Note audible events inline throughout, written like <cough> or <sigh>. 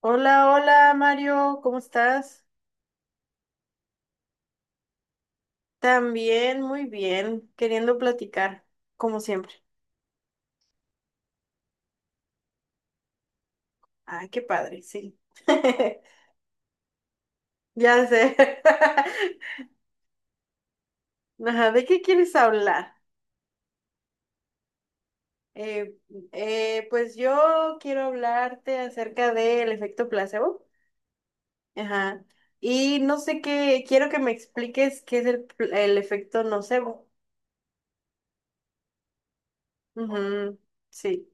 Hola, hola Mario, ¿cómo estás? También, muy bien, queriendo platicar, como siempre. Ay, qué padre, sí. <laughs> Ya sé. <laughs> Ajá, ¿de qué quieres hablar? Eh, pues yo quiero hablarte acerca del efecto placebo. Ajá. Y no sé qué, quiero que me expliques qué es el efecto nocebo. Ujú. Sí.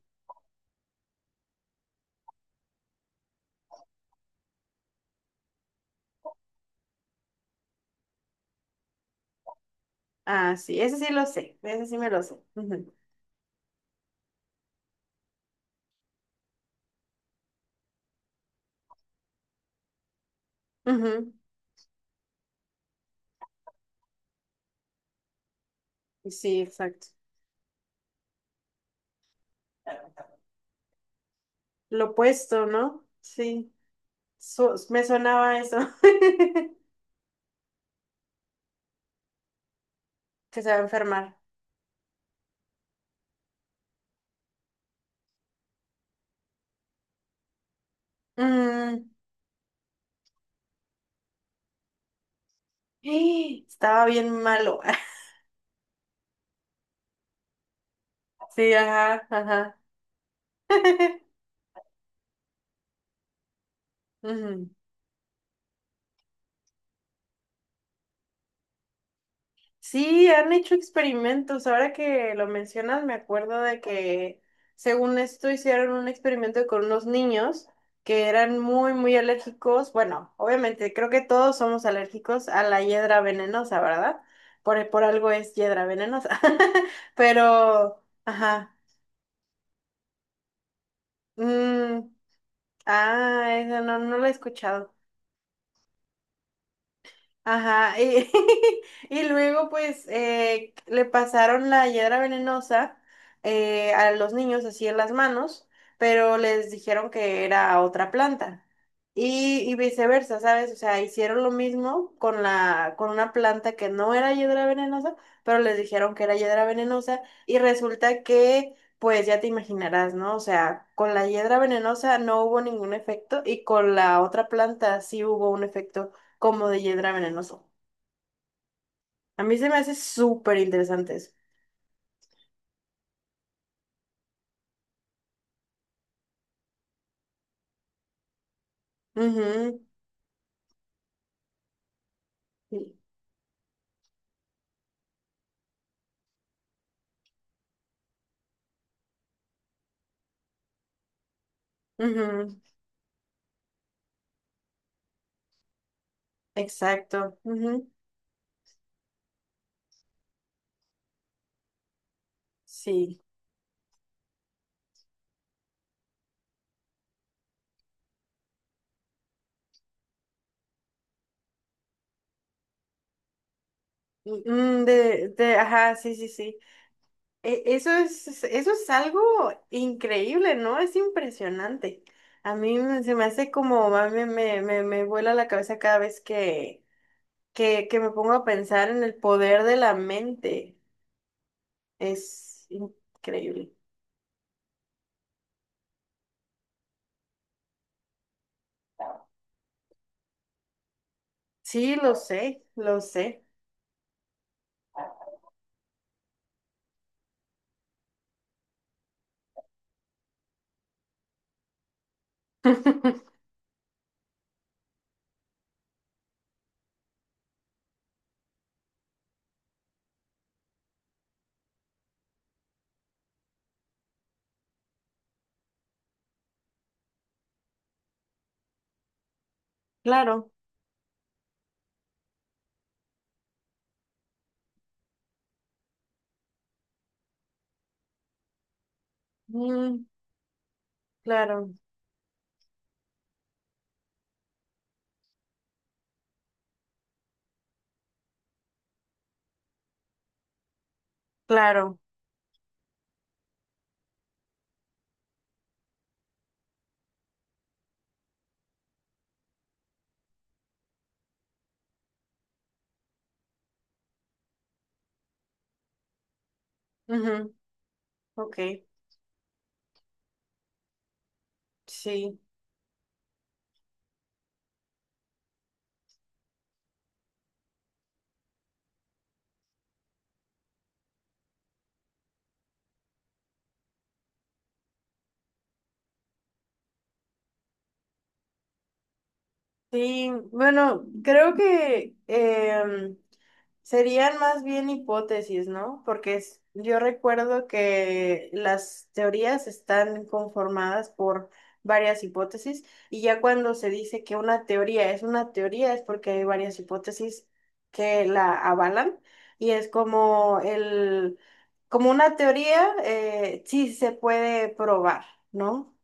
Ah, sí, ese sí lo sé, ese sí me lo sé. Ujú, ujú. Sí, exacto. Lo opuesto, ¿no? Sí, me sonaba eso. <laughs> Que se va a enfermar. Mm. <gasps> Estaba bien malo. <laughs> Sí, ajá, ajá. <laughs> Ujú. Sí, han hecho experimentos. Ahora que lo mencionas, me acuerdo de que, según esto, hicieron un experimento con unos niños que eran muy, muy alérgicos. Bueno, obviamente, creo que todos somos alérgicos a la hiedra venenosa, ¿verdad? Por algo es hiedra venenosa. <laughs> Pero, ajá. Mm, ah, esa no, no la he escuchado. Ajá, y, <laughs> y luego pues le pasaron la hiedra venenosa a los niños así en las manos, pero les dijeron que era otra planta. Y viceversa, ¿sabes? O sea, hicieron lo mismo con la, con una planta que no era hiedra venenosa, pero les dijeron que era hiedra venenosa y resulta que, pues ya te imaginarás, ¿no? O sea, con la hiedra venenosa no hubo ningún efecto y con la otra planta sí hubo un efecto como de Hiedra Venenoso. A mí se me hace súper interesantes. Ujú, sí, ujú, exacto, ujú, sí. Mm, ajá, sí, sí, sí. Eso es, eso es algo increíble, ¿no? Es impresionante. Se me hace como, a mí me vuela la cabeza cada vez que me pongo a pensar en el poder de la mente. Es increíble. Sí, lo sé, lo sé. <laughs> Claro. Mm, claro, claro. Ujú, ok, sí. Sí, bueno, creo que serían más bien hipótesis, ¿no? Porque yo recuerdo que las teorías están conformadas por varias hipótesis y ya cuando se dice que una teoría es porque hay varias hipótesis que la avalan y es como el, como una teoría, sí se puede probar, ¿no?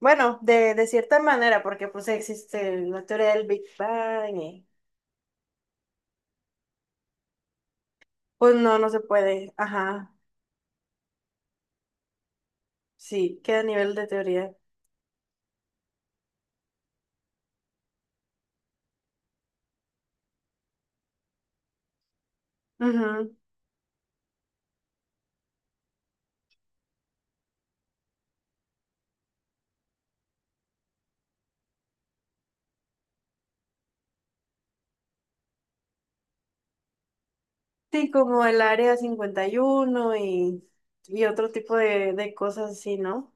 Bueno, de cierta manera, porque pues existe la teoría del Big Bang y pues no, no se puede, ajá. Sí, queda a nivel de teoría. Ujú. Sí, como el área 51 y, uno y otro tipo de cosas así, ¿no?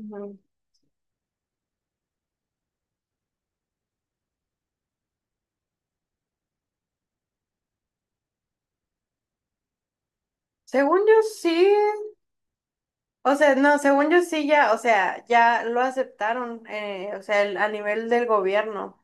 Ujú. Según yo sí, o sea, no, según yo sí ya, o sea, ya lo aceptaron, o sea, a nivel del gobierno.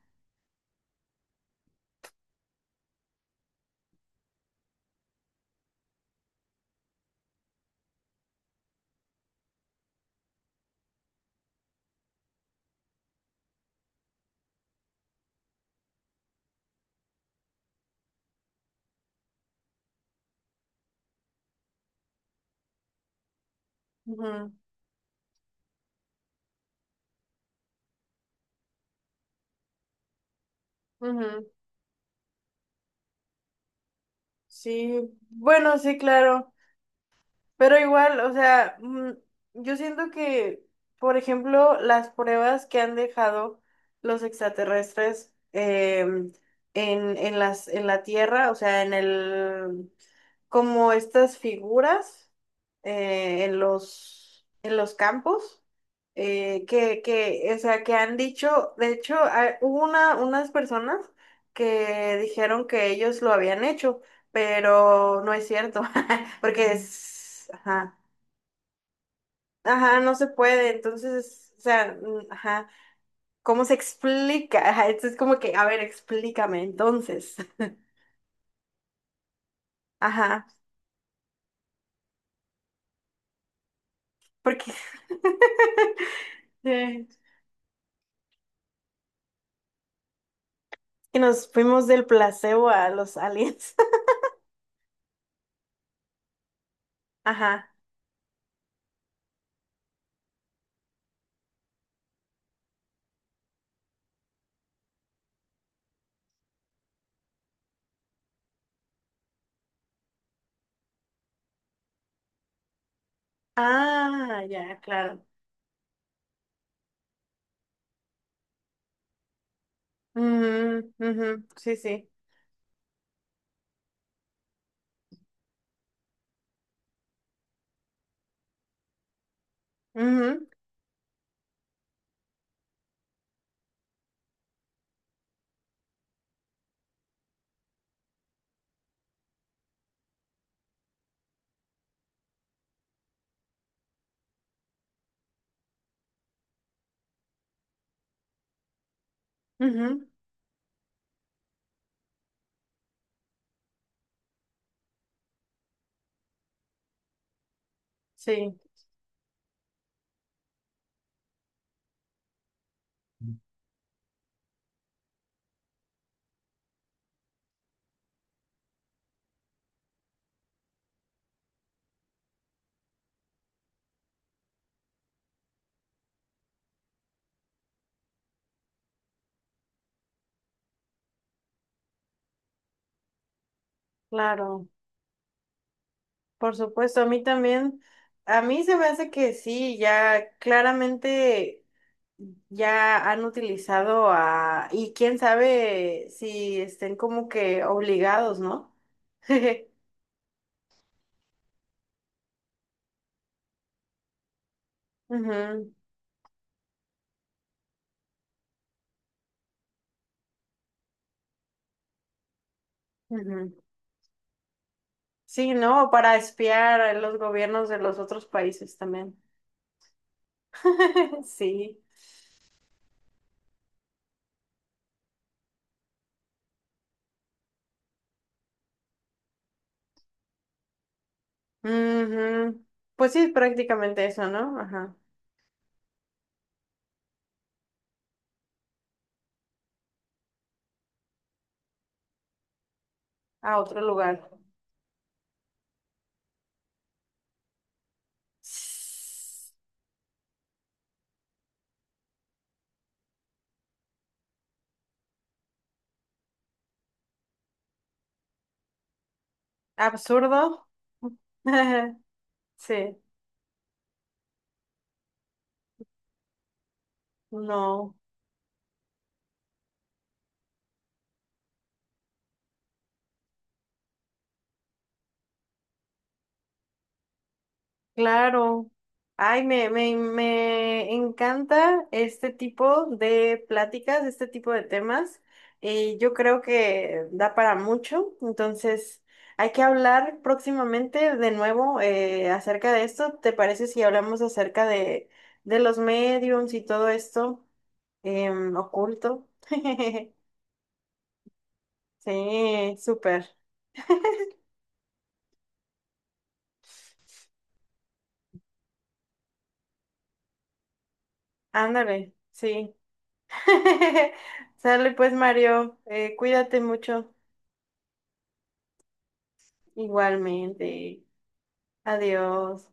Ujú, ujú. Sí, bueno, sí, claro. Pero igual, o sea, mm, yo siento que, por ejemplo, las pruebas que han dejado los extraterrestres en las, en la Tierra, o sea, en el, como estas figuras en los campos, que, o sea, que han dicho, de hecho, hubo una, unas personas que dijeron que ellos lo habían hecho, pero no es cierto, <laughs> porque es, ajá, ajá, no se puede, entonces, o sea, mm, ajá, ¿cómo se explica? <laughs> Ajá, entonces es como que, a ver, explícame entonces. <laughs> Ajá, porque... <laughs> Sí. Y nos fuimos del placebo a los aliens. <laughs> Ajá. Ah, ya, claro. Ujú, ujú. Sí, sí. Ujú, ujú. Sí, claro. Por supuesto, a mí también. A mí se me hace que sí, ya claramente ya han utilizado a... Y quién sabe si estén como que obligados, ¿no? <laughs> Ujú, ujú. Sí, ¿no? Para espiar a los gobiernos de los otros países también. <laughs> Sí. Ujú. Pues sí, es prácticamente eso, ¿no? Ajá. A otro lugar. S- Absurdo. <laughs> Sí. No. Claro. Ay, me encanta este tipo de pláticas, este tipo de temas. Y yo creo que da para mucho. Entonces, hay que hablar próximamente de nuevo acerca de esto. ¿Te parece si hablamos acerca de los mediums y todo esto oculto? <laughs> Sí, súper. Ándale, sí. <laughs> Sale pues, Mario. Cuídate mucho. Igualmente. Adiós.